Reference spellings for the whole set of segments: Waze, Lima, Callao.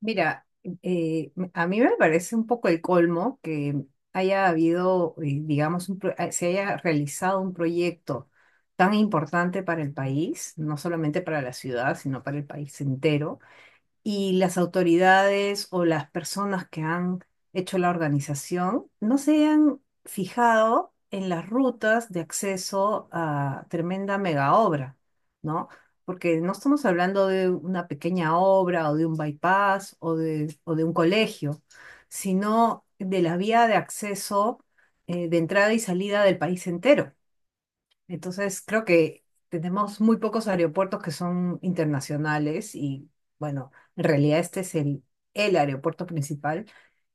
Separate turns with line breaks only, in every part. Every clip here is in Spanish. Mira, a mí me parece un poco el colmo que haya habido, digamos, se haya realizado un proyecto tan importante para el país, no solamente para la ciudad, sino para el país entero, y las autoridades o las personas que han hecho la organización no se han fijado en las rutas de acceso a tremenda mega obra, ¿no? Porque no estamos hablando de una pequeña obra o de un bypass o de un colegio, sino de la vía de acceso, de entrada y salida del país entero. Entonces, creo que tenemos muy pocos aeropuertos que son internacionales y, bueno, en realidad el aeropuerto principal.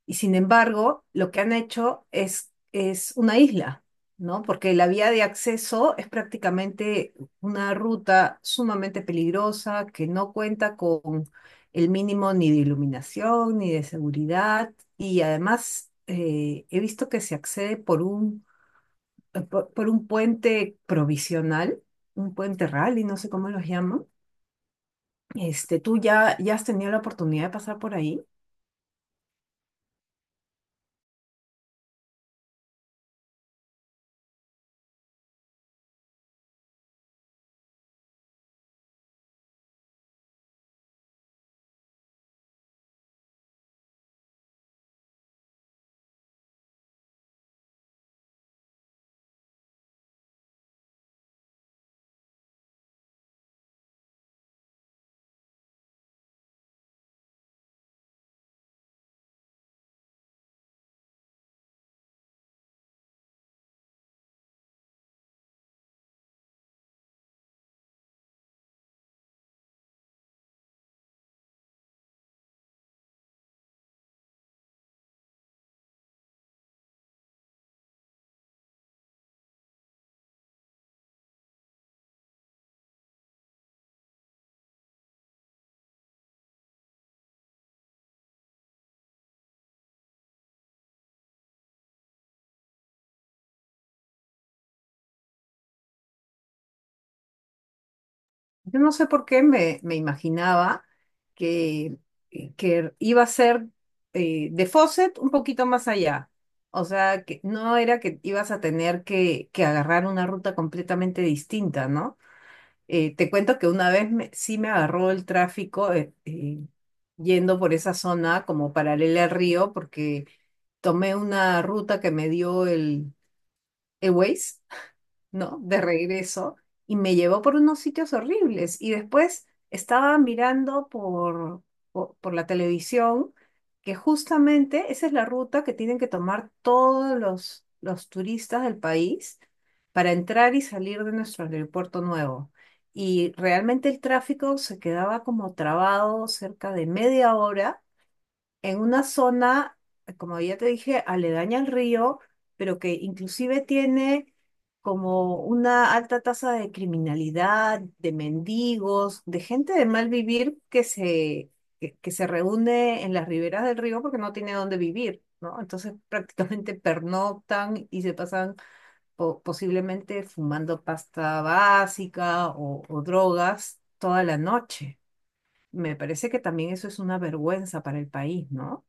Y sin embargo, lo que han hecho es una isla, ¿no? Porque la vía de acceso es prácticamente una ruta sumamente peligrosa que no cuenta con el mínimo ni de iluminación ni de seguridad. Y además, he visto que se accede por un puente provisional, un puente rally, no sé cómo los llaman. Este, ya has tenido la oportunidad de pasar por ahí? Yo no sé por qué me imaginaba que, que iba a ser de Fawcett un poquito más allá. O sea, que no era que ibas a tener que agarrar una ruta completamente distinta, ¿no? Te cuento que una vez sí me agarró el tráfico yendo por esa zona como paralela al río, porque tomé una ruta que me dio el Waze, ¿no? De regreso y me llevó por unos sitios horribles. Y después estaba mirando por la televisión que justamente esa es la ruta que tienen que tomar todos los turistas del país para entrar y salir de nuestro aeropuerto nuevo. Y realmente el tráfico se quedaba como trabado cerca de 1/2 hora en una zona, como ya te dije, aledaña al río, pero que inclusive tiene como una alta tasa de criminalidad, de mendigos, de gente de mal vivir que se reúne en las riberas del río porque no tiene dónde vivir, ¿no? Entonces prácticamente pernoctan y se pasan posiblemente fumando pasta básica o drogas toda la noche. Me parece que también eso es una vergüenza para el país, ¿no?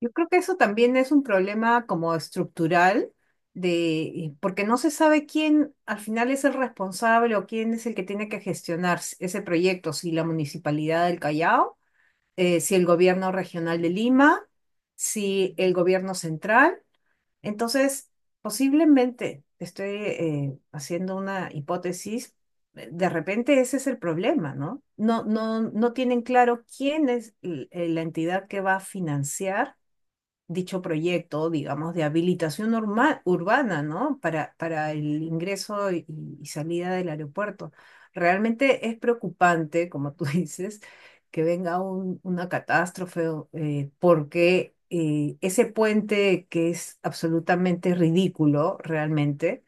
Yo creo que eso también es un problema como estructural de porque no se sabe quién al final es el responsable o quién es el que tiene que gestionar ese proyecto, si la Municipalidad del Callao, si el gobierno regional de Lima, si el gobierno central. Entonces, posiblemente estoy haciendo una hipótesis, de repente ese es el problema, ¿no? No tienen claro quién la entidad que va a financiar dicho proyecto, digamos, de habilitación urbana, ¿no? Para el ingreso y salida del aeropuerto. Realmente es preocupante, como tú dices, que venga una catástrofe o, porque ese puente que es absolutamente ridículo, realmente,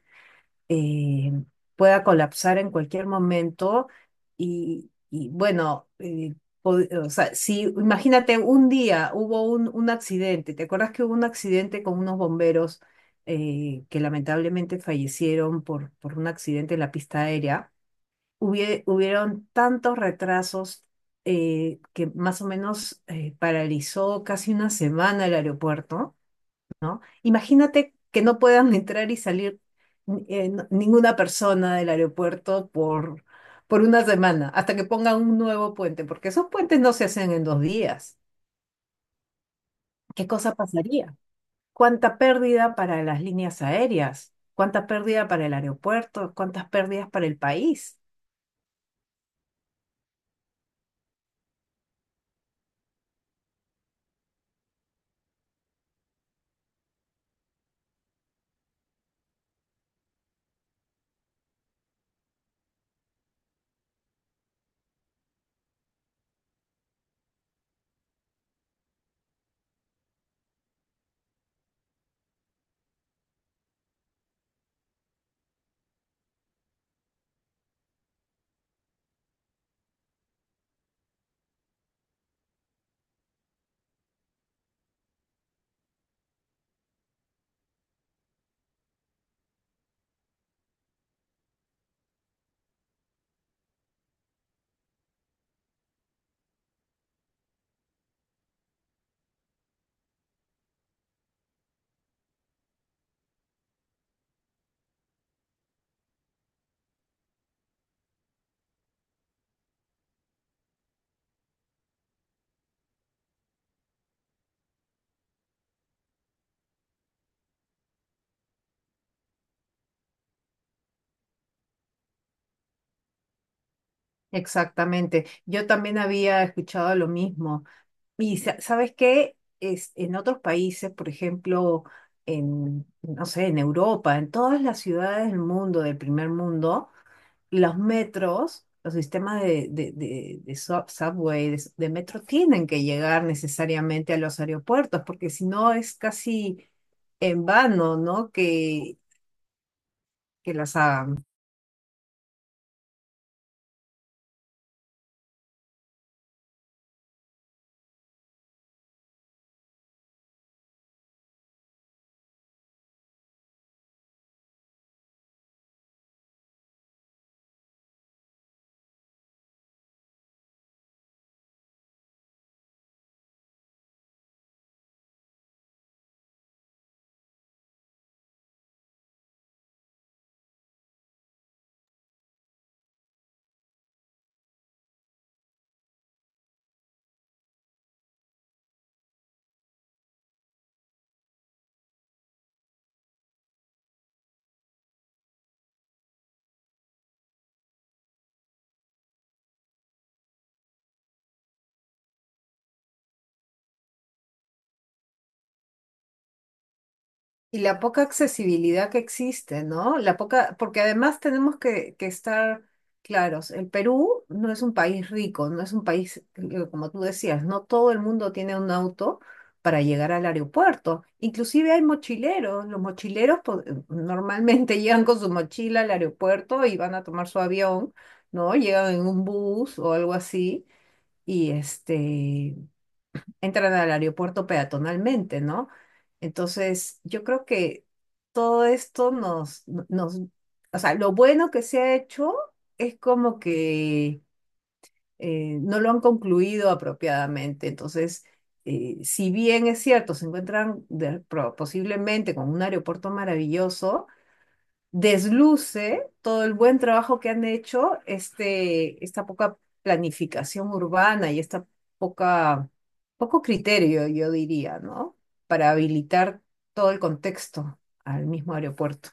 eh, pueda colapsar en cualquier momento bueno, po- o sea, si imagínate un día hubo un accidente. ¿Te acuerdas que hubo un accidente con unos bomberos, que lamentablemente fallecieron por un accidente en la pista aérea? Hubieron tantos retrasos, que más o menos, paralizó casi una semana el aeropuerto. Imagínate que no puedan entrar y salir, ninguna persona del aeropuerto por una semana, hasta que pongan un nuevo puente, porque esos puentes no se hacen en dos días. ¿Qué cosa pasaría? ¿Cuánta pérdida para las líneas aéreas? ¿Cuánta pérdida para el aeropuerto? ¿Cuántas pérdidas para el país? Exactamente. Yo también había escuchado lo mismo. Y sabes qué, es, en otros países, por ejemplo, en, no sé, en Europa, en todas las ciudades del mundo, del primer mundo, los metros, los sistemas subway, de metro, tienen que llegar necesariamente a los aeropuertos, porque si no es casi en vano, ¿no? Que las hagan. Y la poca accesibilidad que existe, ¿no? La poca, porque además tenemos que estar claros, el Perú no es un país rico, no es un país, como tú decías, no todo el mundo tiene un auto para llegar al aeropuerto. Inclusive hay mochileros, los mochileros normalmente llegan con su mochila al aeropuerto y van a tomar su avión, ¿no? Llegan en un bus o algo así. Y este, entran al aeropuerto peatonalmente, ¿no? Entonces, yo creo que todo esto o sea, lo bueno que se ha hecho es como que, no lo han concluido apropiadamente. Entonces, si bien es cierto, se encuentran posiblemente con un aeropuerto maravilloso, desluce todo el buen trabajo que han hecho, este, esta poca planificación urbana y esta poca, poco criterio, yo diría, ¿no? Para habilitar todo el contexto al mismo aeropuerto.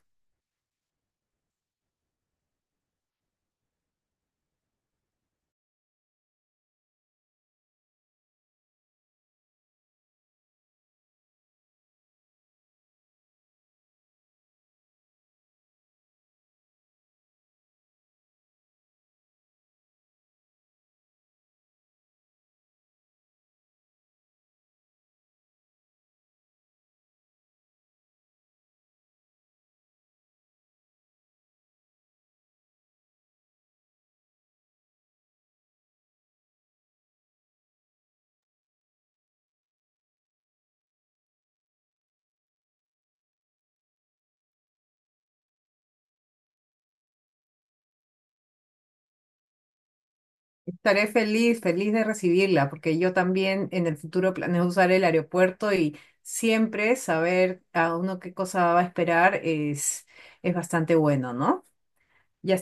Estaré feliz, feliz de recibirla, porque yo también en el futuro planeo usar el aeropuerto, y siempre saber a uno qué cosa va a esperar es bastante bueno, ¿no? Ya.